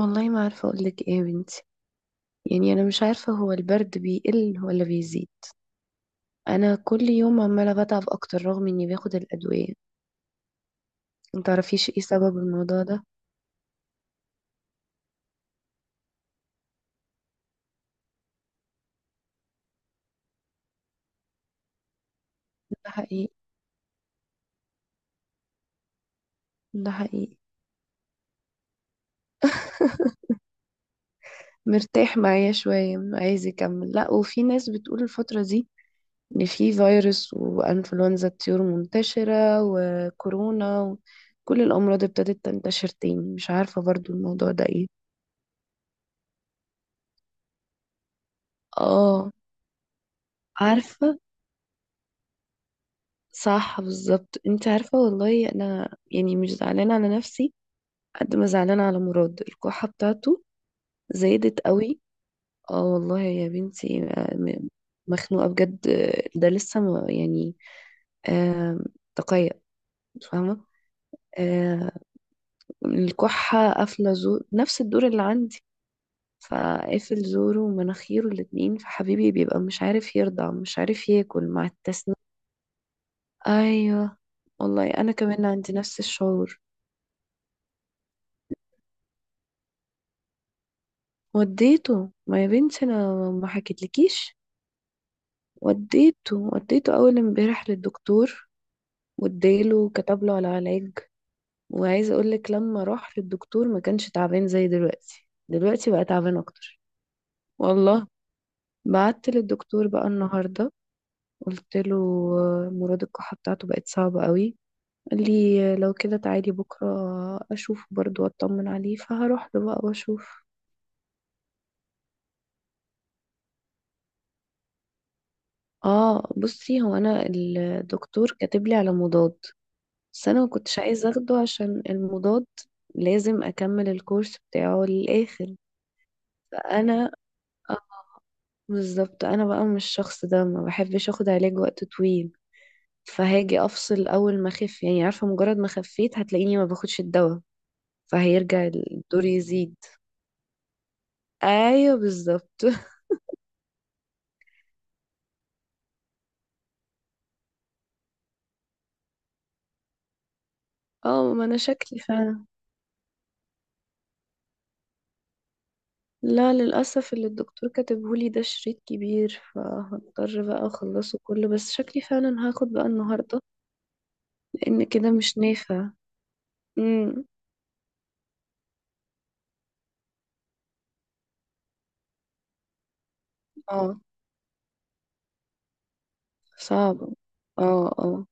والله، ما عارفة أقولك إيه يا بنتي. يعني أنا مش عارفة هو البرد بيقل ولا بيزيد. أنا كل يوم عمالة بتعب أكتر رغم إني باخد الأدوية. متعرفيش إيه سبب الموضوع ده؟ ده حقيقي. ده حقيقي. مرتاح معايا شوية عايز يكمل، لأ. وفي ناس بتقول الفترة دي إن في فيروس وإنفلونزا الطيور منتشرة وكورونا، وكل الأمراض ابتدت تنتشر تاني. مش عارفة برضو الموضوع ده إيه. اه. عارفة. صح بالظبط. انت عارفة، والله انا يعني مش زعلانة على نفسي قد ما زعلانة على مراد الكحة بتاعته زادت قوي. اه والله يا بنتي. مخنوقة بجد. ده لسه ما يعني. آه. تقيأ. فاهمة. آه. الكحة قافلة زور نفس الدور اللي عندي. فقافل زوره ومناخيره الاتنين، فحبيبي بيبقى مش عارف يرضع مش عارف ياكل مع التسنين. ايوه. والله انا كمان عندي نفس الشعور. وديته، ما يا بنتي انا ما حكيتلكيش. وديته وديته اول امبارح للدكتور، واداله كتب له على علاج. وعايزه اقول لك لما راح للدكتور ما كانش تعبان زي دلوقتي. دلوقتي بقى تعبان اكتر. والله. بعت للدكتور بقى النهارده، قلت له مراد الكحه بتاعته بقت صعبه قوي. قال لي لو كده تعالي بكره اشوفه برضه واطمن عليه. فهروح له بقى واشوف. اه. بصي، هو انا الدكتور كاتب لي على مضاد. بس انا ما كنتش عايزه اخده عشان المضاد لازم اكمل الكورس بتاعه للاخر. فانا آه، بالظبط انا بقى مش الشخص ده ما بحبش اخد علاج وقت طويل. فهاجي افصل اول ما اخف. يعني عارفه، مجرد ما خفيت هتلاقيني ما باخدش الدواء، فهيرجع الدور يزيد. ايوه بالظبط. اه، ما انا شكلي فعلا. لا، للاسف اللي الدكتور كاتبهولي ده شريط كبير، فهضطر بقى اخلصه كله، بس شكلي فعلا هاخد بقى النهارده، لان كده مش نافع. امم. اه. صعبة. اه اه.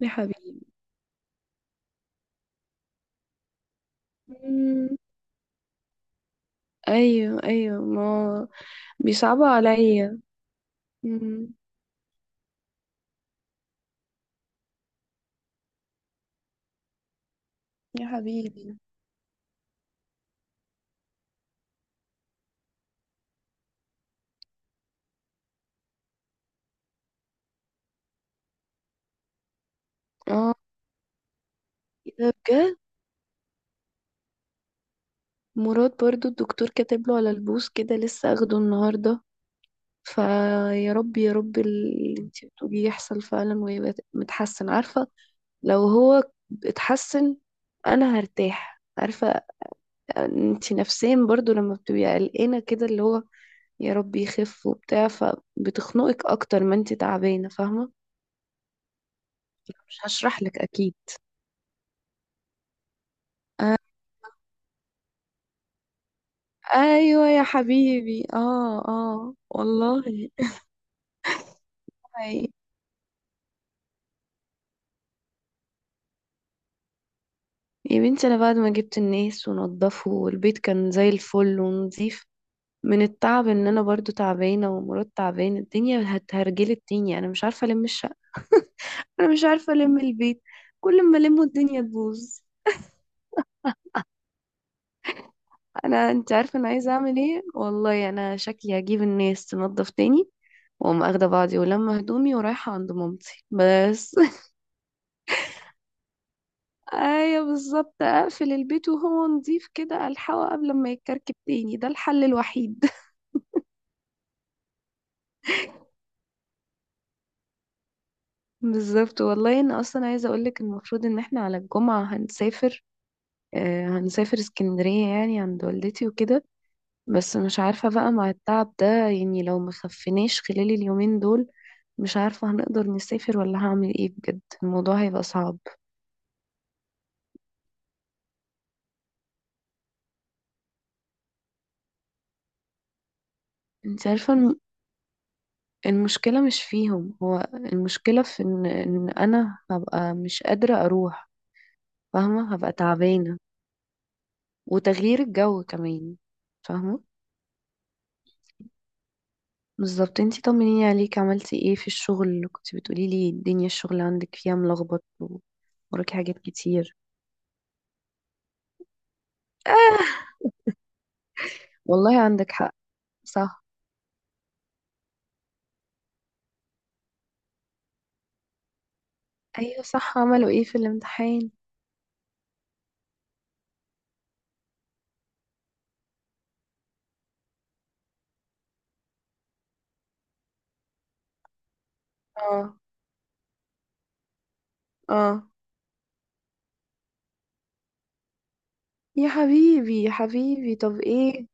يا حبيبي. مم. ايوه ايوه. ما بيصعبوا عليا. مم. يا حبيبي. اه. إيه ده بجد؟ مراد برضو الدكتور كاتب له على البوس كده، لسه اخده النهارده. فيا رب يا رب اللي انت بتقوليه يحصل فعلا ويبقى متحسن، عارفه. لو هو اتحسن انا هرتاح، عارفه. انت نفسيا برضو لما بتبقي قلقانة كده اللي هو يا رب يخف وبتاع، فبتخنقك اكتر ما انت تعبانة، فاهمة. مش هشرح لك اكيد. آه، ايوه يا حبيبي. اه اه والله. أي. يا بنتي انا بعد ما جبت الناس ونضفه والبيت كان زي الفل ونظيف، من التعب ان انا برضو تعبانه ومرات تعبانه الدنيا هتهرجلت تاني. انا مش عارفه الم الشقه. انا مش عارفه الم البيت. كل ما الم الدنيا تبوظ. انا انت عارفه انا عايزه اعمل ايه؟ والله انا شكلي هجيب الناس تنظف تاني واقوم اخده بعضي ولما هدومي ورايحه عند مامتي بس. ايوه بالظبط. اقفل البيت وهو نضيف كده الحقه قبل ما يتكركب تاني. ده الحل الوحيد. بالظبط. والله انا اصلا عايزه اقولك المفروض ان احنا على الجمعه هنسافر. هنسافر اسكندريه يعني عند والدتي وكده. بس مش عارفه بقى مع التعب ده، يعني لو مخفناش خلال اليومين دول مش عارفة هنقدر نسافر ولا هعمل ايه. بجد الموضوع هيبقى صعب. انت عارفة، المشكلة مش فيهم، هو المشكلة في إن انا هبقى مش قادرة اروح. فاهمة هبقى تعبانة. وتغيير الجو كمان. فاهمة. بالظبط. انتي طمنيني عليك، عملتي ايه في الشغل؟ كنت بتقولي لي الدنيا الشغل عندك فيها ملخبط. وراكي حاجات كتير. آه. والله عندك حق. صح. ايوه صح. عملوا ايه في الامتحان؟ اه اه يا حبيبي يا حبيبي طب ايه.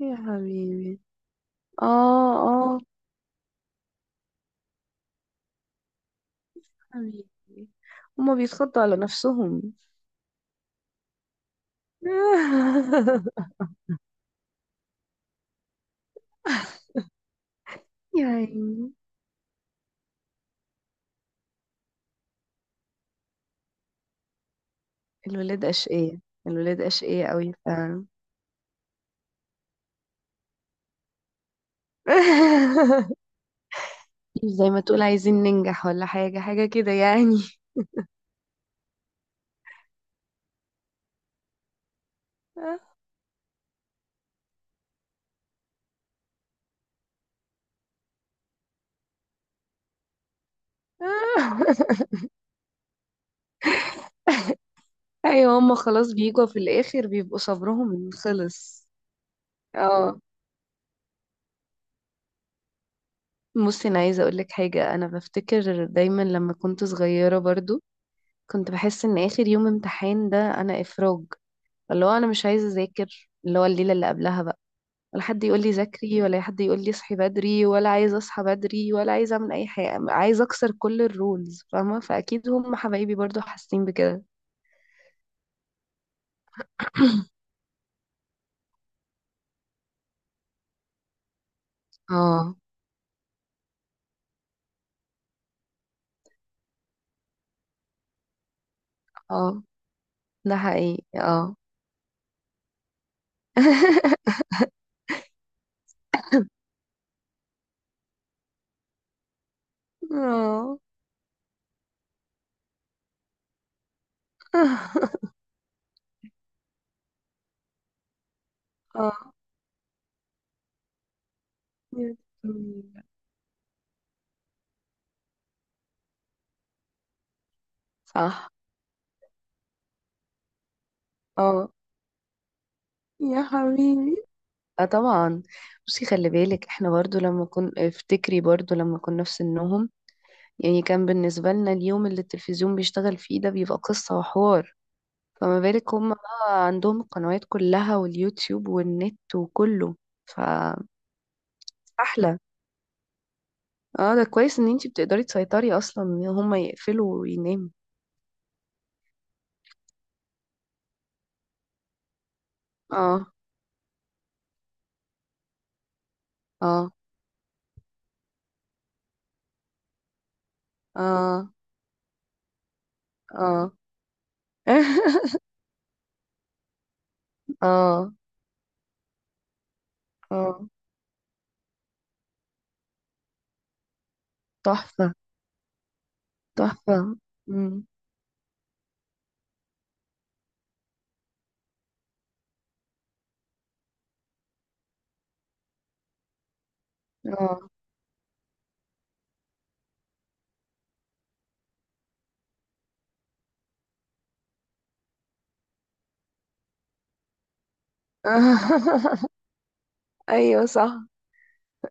يا حبيبي. اه اه حبيبي. هما بيتخضوا على نفسهم. يا عيني. الولاد أشقية. الولاد أشقية قوي فعلا. زي ما تقول عايزين ننجح ولا حاجة، حاجة كده يعني. ايوه هما خلاص بيجوا في الآخر بيبقوا صبرهم خلص. اه. بصي انا عايزه اقول لك حاجه. انا بفتكر دايما لما كنت صغيره برضو كنت بحس ان اخر يوم امتحان ده انا افراج. اللي هو انا مش عايزه اذاكر اللي هو الليله اللي قبلها بقى، ولا حد يقول لي ذاكري، ولا حد يقول لي اصحي بدري، ولا عايزه اصحى بدري، ولا عايزه اعمل اي حاجه. عايزه اكسر كل الرولز، فاهمه. فاكيد هم حبايبي برضو حاسين بكده. اه اه ده حقيقي اه. اه. اه يا جميلة. صح. اه يا حبيبي. اه طبعا. بصي خلي بالك، احنا برضو لما افتكري برضو لما كنا في سنهم، يعني كان بالنسبة لنا اليوم اللي التلفزيون بيشتغل فيه ده بيبقى قصة وحوار. فما بالك هم بقى عندهم القنوات كلها واليوتيوب والنت وكله، فأحلى. اه، ده كويس ان انتي بتقدري تسيطري اصلا ان هم يقفلوا ويناموا. اه اه اه اه. اه اه. تحفة. تحفة. مم. اه. ايوه صح.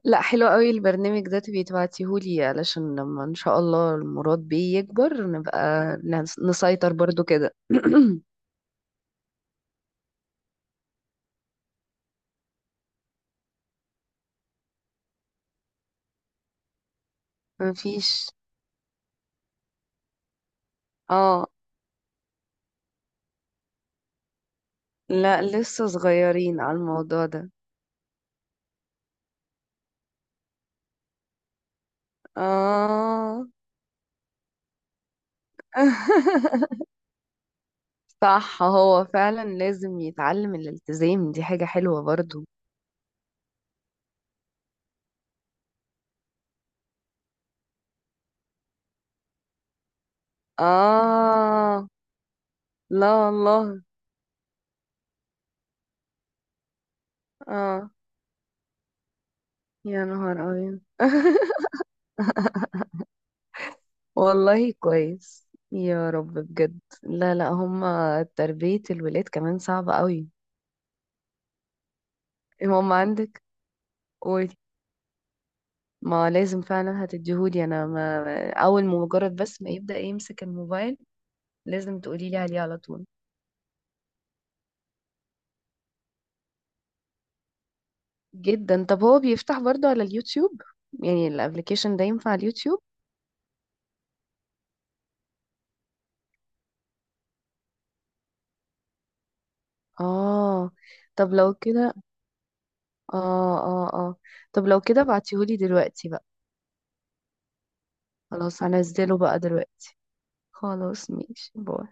لا حلو قوي البرنامج ده. تبقي تبعتيهولي علشان لما ان شاء الله المراد بيه يكبر نبقى نسيطر برضو كده. مفيش. اه. لا لسه صغيرين على الموضوع ده. اه. صح هو فعلا لازم يتعلم الالتزام، دي حاجة حلوة برضو. اه لا والله. اه يا نهار أبيض. والله كويس يا رب بجد. لا لا، هما تربية الولاد كمان صعبة قوي. هما عندك. قولي. ما لازم فعلا هتديهولي انا، ما اول ما مجرد بس ما يبدأ يمسك الموبايل لازم تقولي لي عليه على طول. جدا. طب هو بيفتح برضه على اليوتيوب؟ يعني الابليكيشن ده ينفع على اليوتيوب؟ اه. طب لو كده اه اه اه طب لو كده ابعتيهولي دلوقتي بقى. خلاص هنزله بقى دلوقتي. خلاص ماشي باي.